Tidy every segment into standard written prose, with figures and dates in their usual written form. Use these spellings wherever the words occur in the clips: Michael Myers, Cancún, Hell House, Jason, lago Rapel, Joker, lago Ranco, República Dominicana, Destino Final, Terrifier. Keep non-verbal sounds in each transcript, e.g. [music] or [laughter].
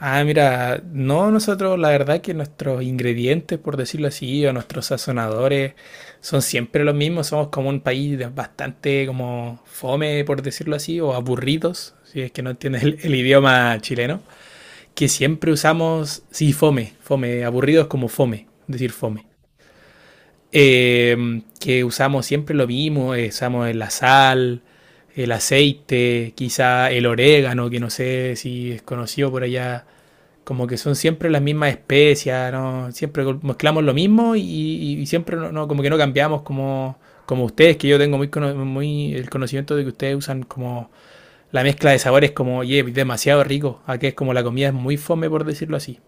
Ah, mira, no, nosotros la verdad que nuestros ingredientes, por decirlo así, o nuestros sazonadores son siempre los mismos, somos como un país bastante como fome, por decirlo así, o aburridos, si es que no entiendes el idioma chileno, que siempre usamos, sí, fome, fome, aburridos como fome, decir fome. Que usamos siempre lo mismo, usamos la sal, el aceite, quizá el orégano, que no sé si es conocido por allá. Como que son siempre las mismas especias, ¿no? Siempre mezclamos lo mismo y siempre no, no, como que no cambiamos como, como ustedes, que yo tengo muy, muy el conocimiento de que ustedes usan como la mezcla de sabores como, oye, yeah, demasiado rico. Aquí es como la comida es muy fome por decirlo así.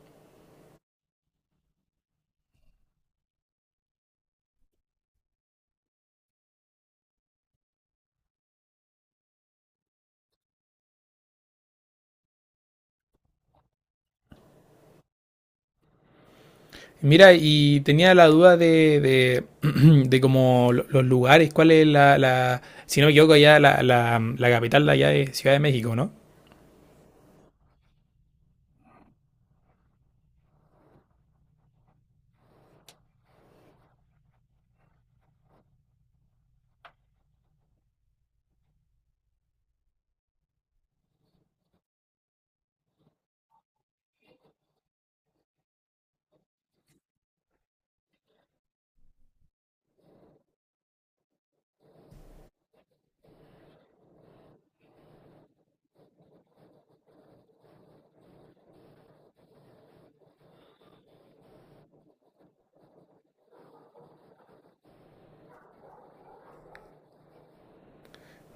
Mira, y tenía la duda [clears throat] de como los lugares, cuál es la si no me equivoco, allá la capital de allá de Ciudad de México, ¿no?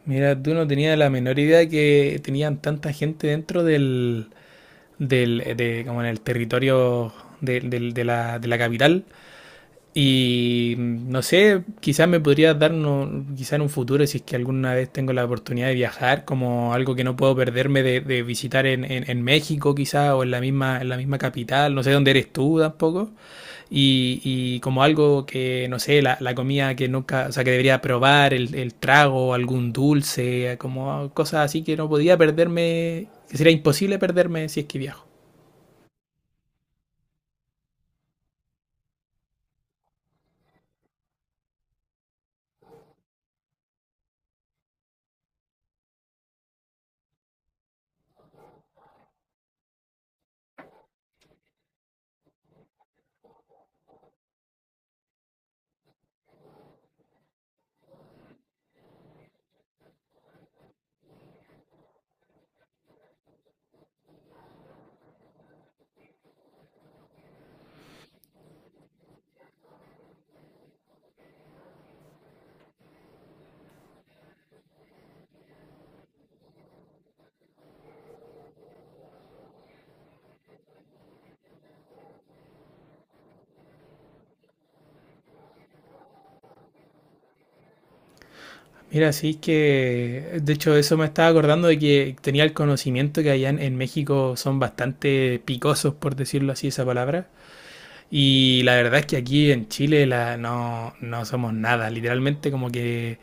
Mira, tú no tenías la menor idea que tenían tanta gente dentro como en el territorio de la capital. Y no sé, quizás me podría dar, no, quizás en un futuro, si es que alguna vez tengo la oportunidad de viajar, como algo que no puedo perderme de visitar en México, quizás, o en la misma capital, no sé dónde eres tú tampoco. Y como algo que, no sé, comida que nunca, o sea, que debería probar, el trago, algún dulce, como cosas así que no podía perderme, que sería imposible perderme si es que viajo. Mira, sí que, de hecho, eso me estaba acordando de que tenía el conocimiento que allá en México son bastante picosos, por decirlo así, esa palabra. Y la verdad es que aquí en Chile la, no, no somos nada. Literalmente como que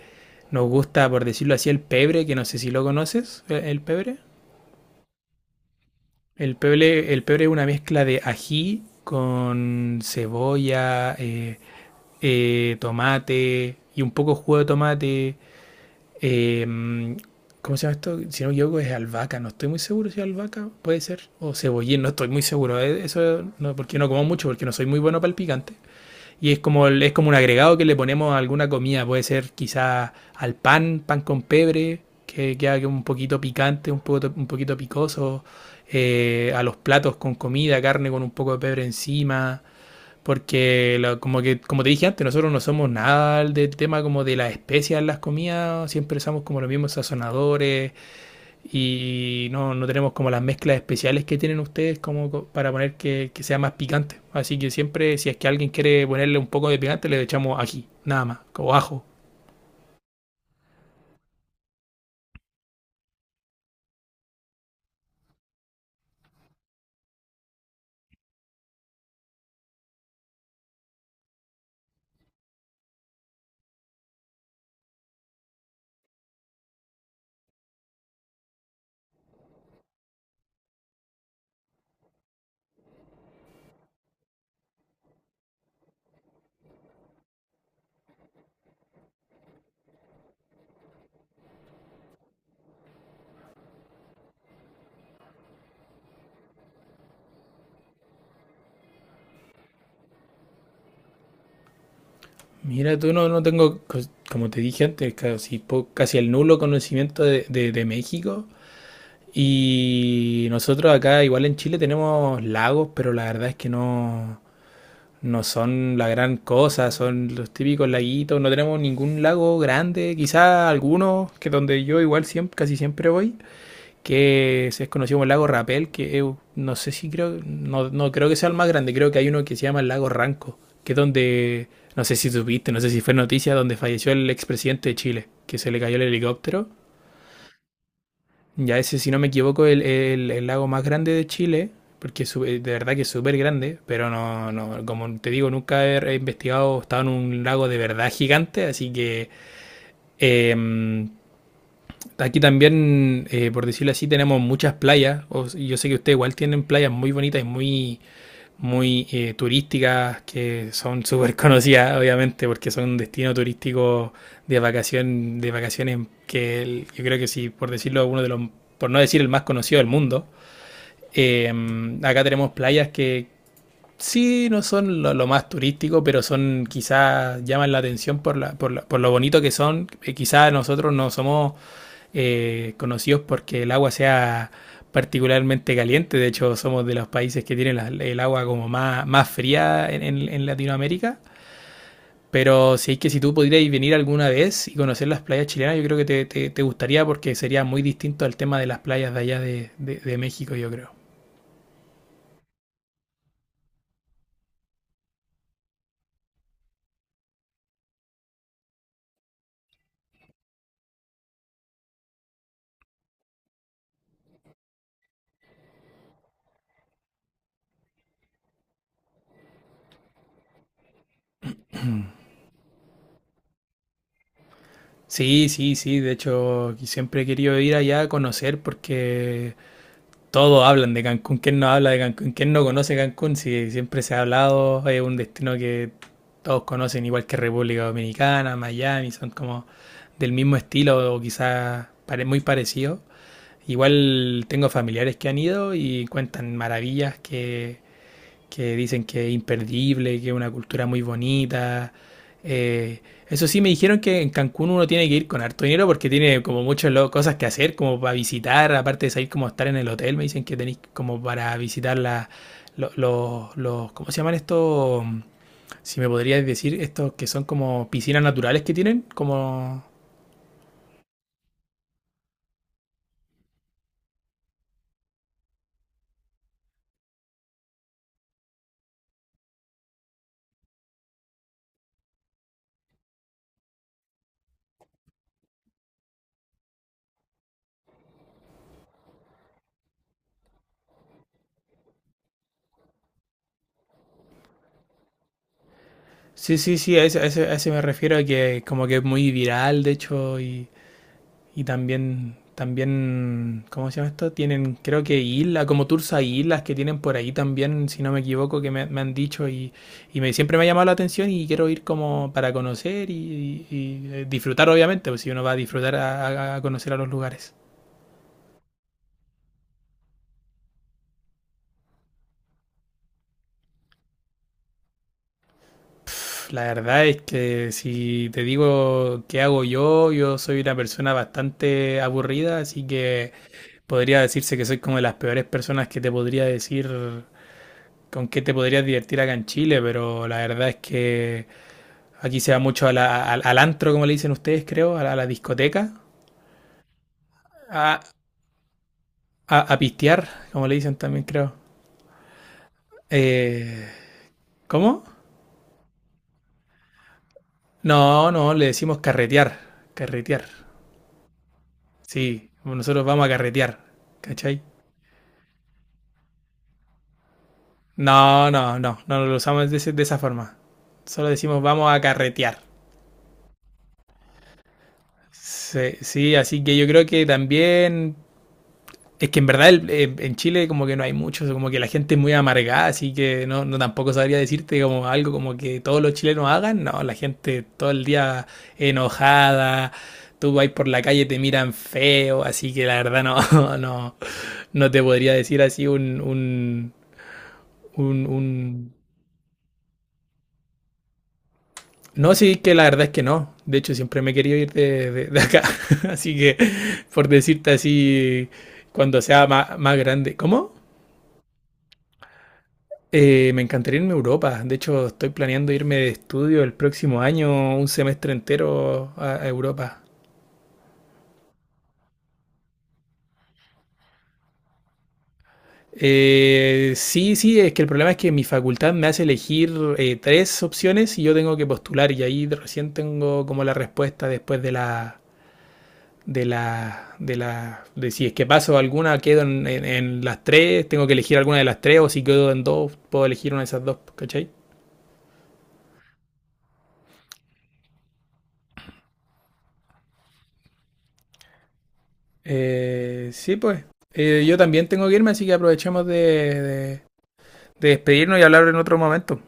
nos gusta, por decirlo así, el pebre, que no sé si lo conoces, el pebre. El pebre, el pebre es una mezcla de ají con cebolla, tomate y un poco jugo de tomate. Eh, ¿Cómo se llama esto? Si no me equivoco, es albahaca. No estoy muy seguro si es albahaca, puede ser. O cebollín, no estoy muy seguro. Eso no, porque no como mucho, porque no soy muy bueno para el picante. Y es como, es como un agregado que le ponemos a alguna comida. Puede ser quizá al pan, pan con pebre, que queda que un poquito picante, un poquito picoso. A los platos con comida, carne con un poco de pebre encima. Porque como que, como te dije antes, nosotros no somos nada del tema como de las especias en las comidas, siempre usamos como los mismos sazonadores y no, no tenemos como las mezclas especiales que tienen ustedes como para poner que sea más picante. Así que siempre, si es que alguien quiere ponerle un poco de picante, le echamos ají, nada más, o ajo. Mira, tú no, no tengo, como te dije antes, casi, casi el nulo conocimiento de México. Y nosotros acá, igual en Chile, tenemos lagos, pero la verdad es que no, no son la gran cosa, son los típicos laguitos, no tenemos ningún lago grande, quizá algunos, que donde yo igual siempre, casi siempre voy, que es conocido como el lago Rapel, no sé si creo, no, no creo que sea el más grande, creo que hay uno que se llama el lago Ranco, que es donde, no sé si supiste, no sé si fue noticia, donde falleció el expresidente de Chile, que se le cayó el helicóptero. Ya ese, si no me equivoco, el lago más grande de Chile, porque de verdad que es súper grande, pero no, no, como te digo, nunca he investigado, he estado en un lago de verdad gigante, así que eh, aquí también, por decirlo así, tenemos muchas playas, yo sé que ustedes igual tienen playas muy bonitas y muy muy turísticas, que son súper conocidas, obviamente, porque son un destino turístico de vacación, de vacaciones yo creo que sí, por decirlo, uno de los, por no decir el más conocido del mundo. Eh, Acá tenemos playas que sí no son lo más turístico, pero son quizás llaman la atención por la, por lo bonito que son. Quizás nosotros no somos conocidos porque el agua sea particularmente caliente. De hecho, somos de los países que tienen el agua como más, más fría en Latinoamérica. Pero si es que si tú pudieras venir alguna vez y conocer las playas chilenas, yo creo que te, te gustaría porque sería muy distinto al tema de las playas de allá de México, yo creo. [clears throat] Sí, sí, sí. De hecho, siempre he querido ir allá a conocer porque todos hablan de Cancún. ¿Quién no habla de Cancún? ¿Quién no conoce Cancún? Si siempre se ha hablado, es un destino que todos conocen, igual que República Dominicana, Miami, son como del mismo estilo o quizás muy parecido. Igual tengo familiares que han ido y cuentan maravillas que dicen que es imperdible, que es una cultura muy bonita. Eh, Eso sí, me dijeron que en Cancún uno tiene que ir con harto dinero porque tiene como muchas cosas que hacer, como para visitar, aparte de salir como a estar en el hotel, me dicen que tenéis como para visitar la, los, ¿cómo se llaman estos? Si me podrías decir, estos que son como piscinas naturales que tienen, como... Sí, sí, sí, a ese, a ese, a ese me refiero, a que como que es muy viral, de hecho. Y también, también, ¿cómo se llama esto? Tienen, creo que islas, como tours a islas que tienen por ahí también, si no me equivoco, que me han dicho y me, siempre me ha llamado la atención y quiero ir como para conocer y, y, disfrutar, obviamente, pues si uno va a disfrutar a, a conocer a los lugares. La verdad es que si te digo qué hago yo, yo soy una persona bastante aburrida, así que podría decirse que soy como de las peores personas que te podría decir con qué te podrías divertir acá en Chile, pero la verdad es que aquí se va mucho a al antro, como le dicen ustedes, creo, a la discoteca, a, a pistear, como le dicen también, creo. Eh, ¿Cómo? No, no, le decimos carretear, carretear. Sí, nosotros vamos a carretear, ¿cachai? No, no, no, no lo usamos de, de esa forma. Solo decimos vamos a carretear. Sí, sí, así que yo creo que también. Es que en verdad en Chile como que no hay mucho, como que la gente es muy amargada, así que no, no tampoco sabría decirte como algo como que todos los chilenos hagan, no, la gente todo el día enojada, tú vas por la calle te miran feo, así que la verdad no, [laughs] no, no te podría decir así un- No, sí, que la verdad es que no, de hecho siempre me he querido ir de, de acá, [laughs] así que por decirte así, cuando sea más grande, ¿cómo? Me encantaría irme a Europa. De hecho, estoy planeando irme de estudio el próximo año, un semestre entero a Europa. Sí, sí, es que el problema es que mi facultad me hace elegir tres opciones y yo tengo que postular y ahí recién tengo como la respuesta después de de si es que paso alguna, quedo en, en las tres, tengo que elegir alguna de las tres o si quedo en dos, puedo elegir una de esas dos, ¿cachai? Sí, pues. Yo también tengo que irme, así que aprovechemos de, de despedirnos y hablar en otro momento.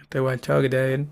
Este guachado que te vaya bien.